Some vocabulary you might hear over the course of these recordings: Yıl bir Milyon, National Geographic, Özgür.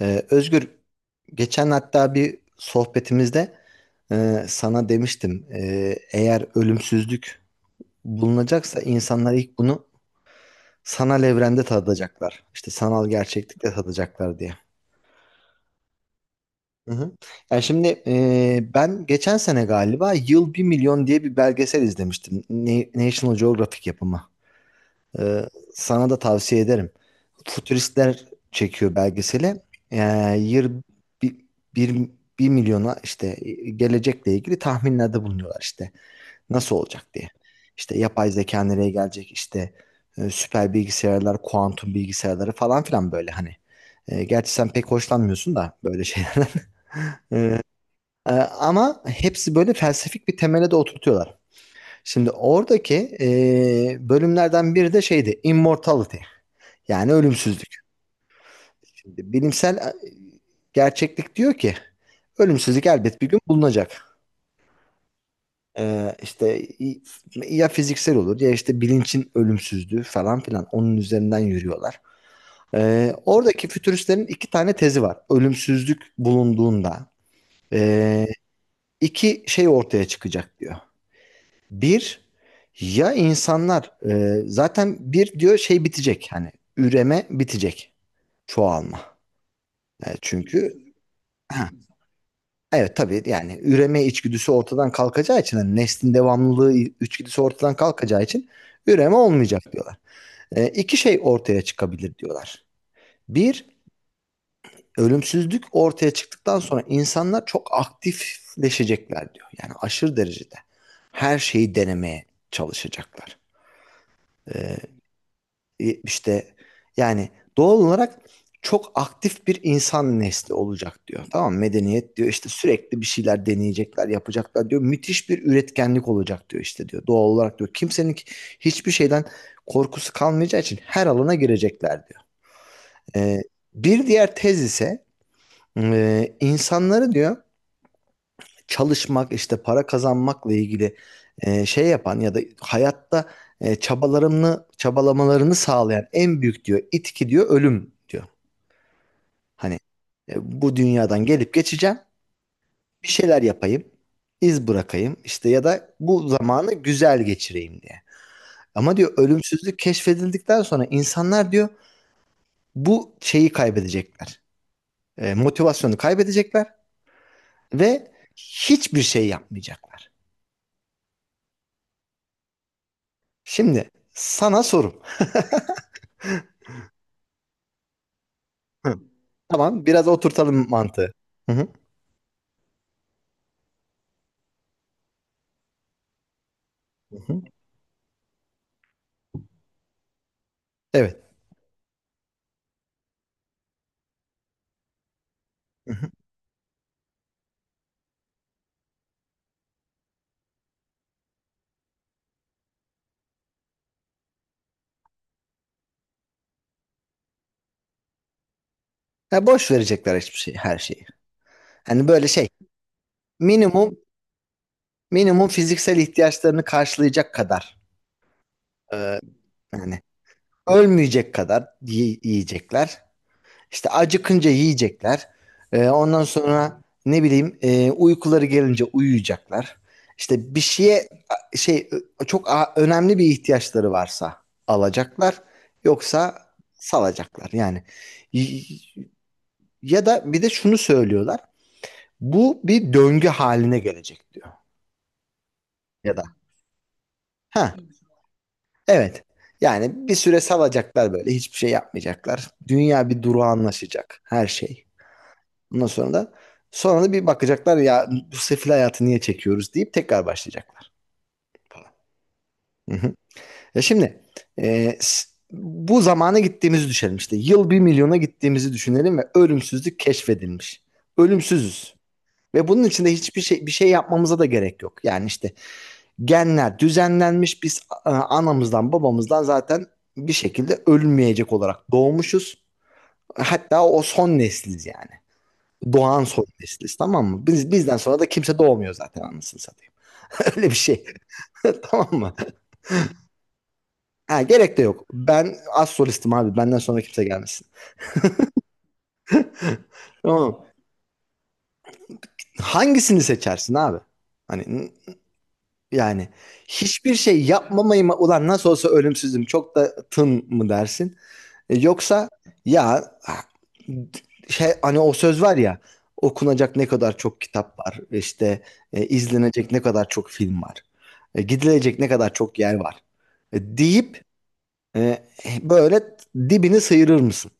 Özgür, geçen hatta bir sohbetimizde sana demiştim. Eğer ölümsüzlük bulunacaksa insanlar ilk bunu sanal evrende tadacaklar. İşte sanal gerçeklikte tadacaklar diye. Hı hı. Yani şimdi ben geçen sene galiba Yıl bir Milyon diye bir belgesel izlemiştim. National Geographic yapımı. Ee, Sana da tavsiye ederim. Futuristler çekiyor belgeseli. Yani bir, bir, bir milyona işte gelecekle ilgili tahminlerde bulunuyorlar işte. Nasıl olacak diye. İşte yapay zeka nereye gelecek işte süper bilgisayarlar, kuantum bilgisayarları falan filan böyle hani. Gerçi sen pek hoşlanmıyorsun da böyle şeylerden. Ama hepsi böyle felsefik bir temele de oturtuyorlar. Şimdi oradaki e, bölümlerden biri de şeydi, Immortality. Yani ölümsüzlük. Şimdi bilimsel gerçeklik diyor ki ölümsüzlük elbet bir gün bulunacak. İşte ya fiziksel olur ya işte bilinçin ölümsüzlüğü falan filan onun üzerinden yürüyorlar. Oradaki fütüristlerin iki tane tezi var. Ölümsüzlük bulunduğunda e, iki şey ortaya çıkacak diyor. Bir ya insanlar zaten bir diyor şey bitecek hani üreme bitecek çoğalma. Çünkü evet tabii yani üreme içgüdüsü ortadan kalkacağı için hani neslin devamlılığı içgüdüsü ortadan kalkacağı için üreme olmayacak diyorlar. İki şey ortaya çıkabilir diyorlar. Bir, ölümsüzlük ortaya çıktıktan sonra insanlar çok aktifleşecekler diyor. Yani aşırı derecede her şeyi denemeye çalışacaklar. E, işte yani doğal olarak çok aktif bir insan nesli olacak diyor. Tamam mı? Medeniyet diyor işte sürekli bir şeyler deneyecekler, yapacaklar diyor. Müthiş bir üretkenlik olacak diyor işte diyor. Doğal olarak diyor. Kimsenin hiçbir şeyden korkusu kalmayacağı için her alana girecekler diyor. Ee, Bir diğer tez ise insanları diyor çalışmak, işte para kazanmakla ilgili şey yapan ya da hayatta çabalarını, çabalamalarını sağlayan en büyük diyor itki diyor ölüm diyor. Hani e, bu dünyadan gelip geçeceğim, bir şeyler yapayım, iz bırakayım işte ya da bu zamanı güzel geçireyim diye. Ama diyor ölümsüzlük keşfedildikten sonra insanlar diyor bu şeyi kaybedecekler. Motivasyonu kaybedecekler ve hiçbir şey yapmayacaklar. Şimdi sana sorum. Hı. Tamam, biraz oturtalım mantığı. Hı hı. Hı hı. Evet. Hı hı. Ya boş verecekler hiçbir şey, her şeyi. Hani böyle şey, minimum minimum fiziksel ihtiyaçlarını karşılayacak kadar e, yani ölmeyecek kadar yiyecekler. İşte acıkınca yiyecekler. Ondan sonra ne bileyim uykuları gelince uyuyacaklar. İşte bir şeye şey çok önemli bir ihtiyaçları varsa alacaklar. Yoksa salacaklar yani. Y- Ya da bir de şunu söylüyorlar. Bu bir döngü haline gelecek diyor. Ya da ha evet. Yani bir süre salacaklar böyle hiçbir şey yapmayacaklar. Dünya bir duru anlaşacak her şey. Ondan sonra da bir bakacaklar ya bu sefil hayatı niye çekiyoruz deyip tekrar başlayacaklar falan. Hı hı. Ya şimdi bu zamana gittiğimizi düşünelim işte. Yıl bir milyona gittiğimizi düşünelim ve ölümsüzlük keşfedilmiş. Ölümsüzüz. Ve bunun içinde hiçbir şey bir şey yapmamıza da gerek yok. Yani işte genler düzenlenmiş biz anamızdan babamızdan zaten bir şekilde ölmeyecek olarak doğmuşuz. Hatta o son nesliz yani. Doğan soy nesiliz tamam mı? Biz, bizden sonra da kimse doğmuyor zaten anasını satayım. Öyle bir şey. Tamam mı? Ha, gerek de yok. Ben az solistim abi. Benden sonra kimse gelmesin. Tamam. Hangisini seçersin abi? Hani yani hiçbir şey yapmamayı mı ulan nasıl olsa ölümsüzüm çok da tın mı dersin? Yoksa ya şey hani o söz var ya okunacak ne kadar çok kitap var işte izlenecek ne kadar çok film var gidilecek ne kadar çok yer var deyip e, böyle dibini sıyırır mısın?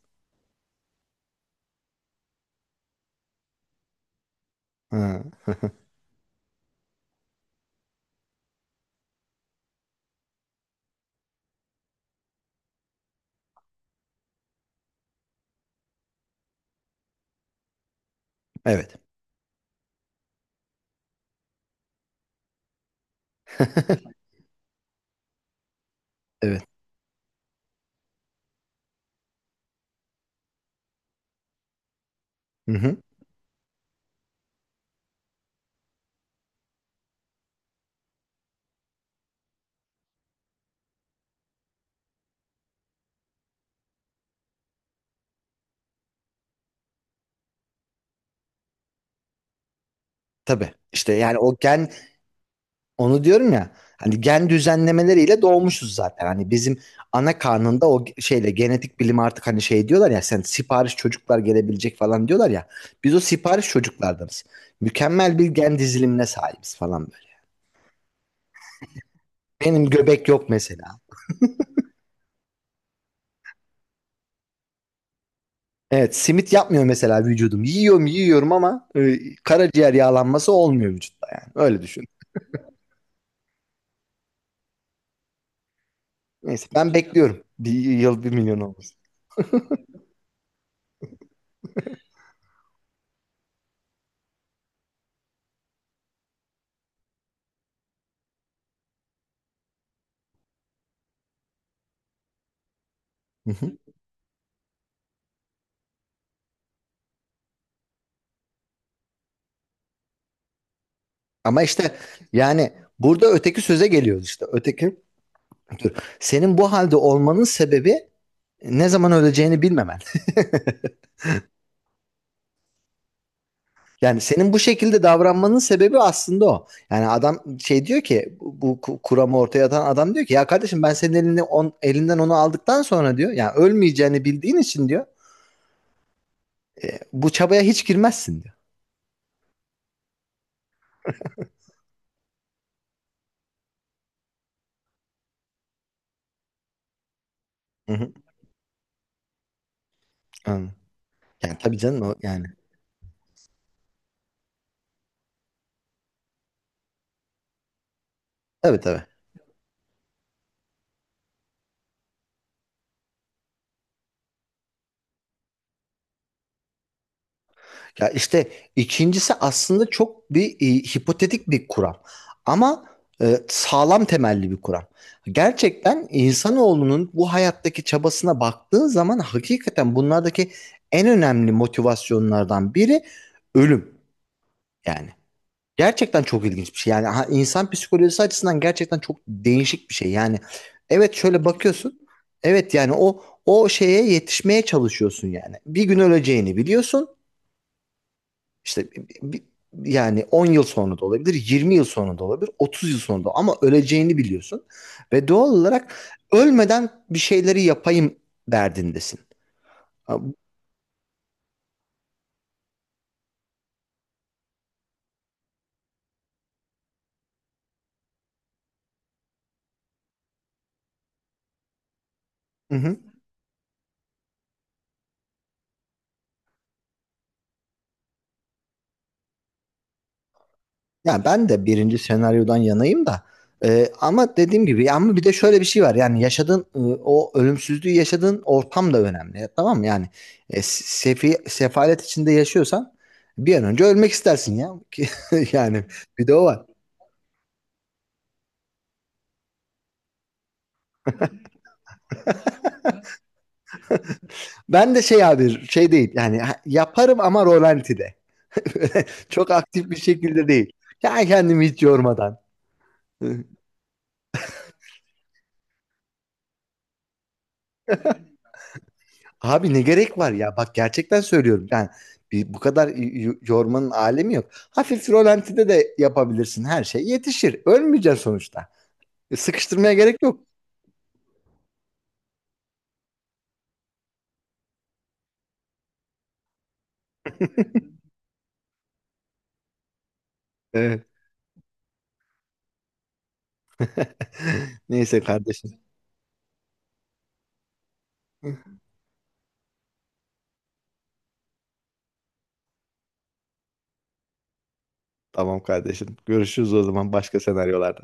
Ha, evet. Evet. Hı hı. Tabii. İşte yani o gen, onu diyorum ya hani gen düzenlemeleriyle doğmuşuz zaten. Hani bizim ana karnında o şeyle genetik bilim artık hani şey diyorlar ya sen sipariş çocuklar gelebilecek falan diyorlar ya. Biz o sipariş çocuklardanız. Mükemmel bir gen dizilimine sahibiz falan böyle. Benim göbek yok mesela. Evet simit yapmıyor mesela vücudum. Yiyorum yiyorum ama karaciğer yağlanması olmuyor vücutta yani. Öyle düşün. Neyse ben bekliyorum. Bir yıl bir milyon olmasın. Hı hı. Ama işte yani burada öteki söze geliyoruz işte. Öteki, senin bu halde olmanın sebebi ne zaman öleceğini bilmemen. Yani senin bu şekilde davranmanın sebebi aslında o. Yani adam şey diyor ki bu kuramı ortaya atan adam diyor ki ya kardeşim ben senin elinden onu aldıktan sonra diyor yani ölmeyeceğini bildiğin için diyor bu çabaya hiç girmezsin diyor. Hı hı. Yani tabii canım o yani. Tabii tabii. Ya işte ikincisi aslında çok bir hipotetik bir kuram. Ama sağlam temelli bir kuram. Gerçekten insanoğlunun bu hayattaki çabasına baktığın zaman hakikaten bunlardaki en önemli motivasyonlardan biri ölüm. Yani gerçekten çok ilginç bir şey. Yani insan psikolojisi açısından gerçekten çok değişik bir şey. Yani evet şöyle bakıyorsun. Evet yani o şeye yetişmeye çalışıyorsun yani. Bir gün öleceğini biliyorsun. İşte bi- yani 10 yıl sonra da olabilir, 20 yıl sonra da olabilir, 30 yıl sonra da ama öleceğini biliyorsun. Ve doğal olarak ölmeden bir şeyleri yapayım derdindesin. Ha, bu- Hı hı. Yani ben de birinci senaryodan yanayım da ama dediğim gibi ama bir de şöyle bir şey var yani yaşadığın o ölümsüzlüğü yaşadığın ortam da önemli tamam mı? Yani sefalet içinde yaşıyorsan bir an önce ölmek istersin ya yani bir de o var. Ben de şey abi şey değil yani yaparım ama rolantide. Çok aktif bir şekilde değil. Ya kendimi hiç yormadan. Abi ne gerek var ya bak gerçekten söylüyorum. Yani bir, bu kadar yormanın alemi yok. Hafif rolantide de yapabilirsin her şey yetişir. Ölmeyeceksin sonuçta. Sıkıştırmaya gerek yok. Evet. Neyse kardeşim. Tamam kardeşim. Görüşürüz o zaman başka senaryolarda.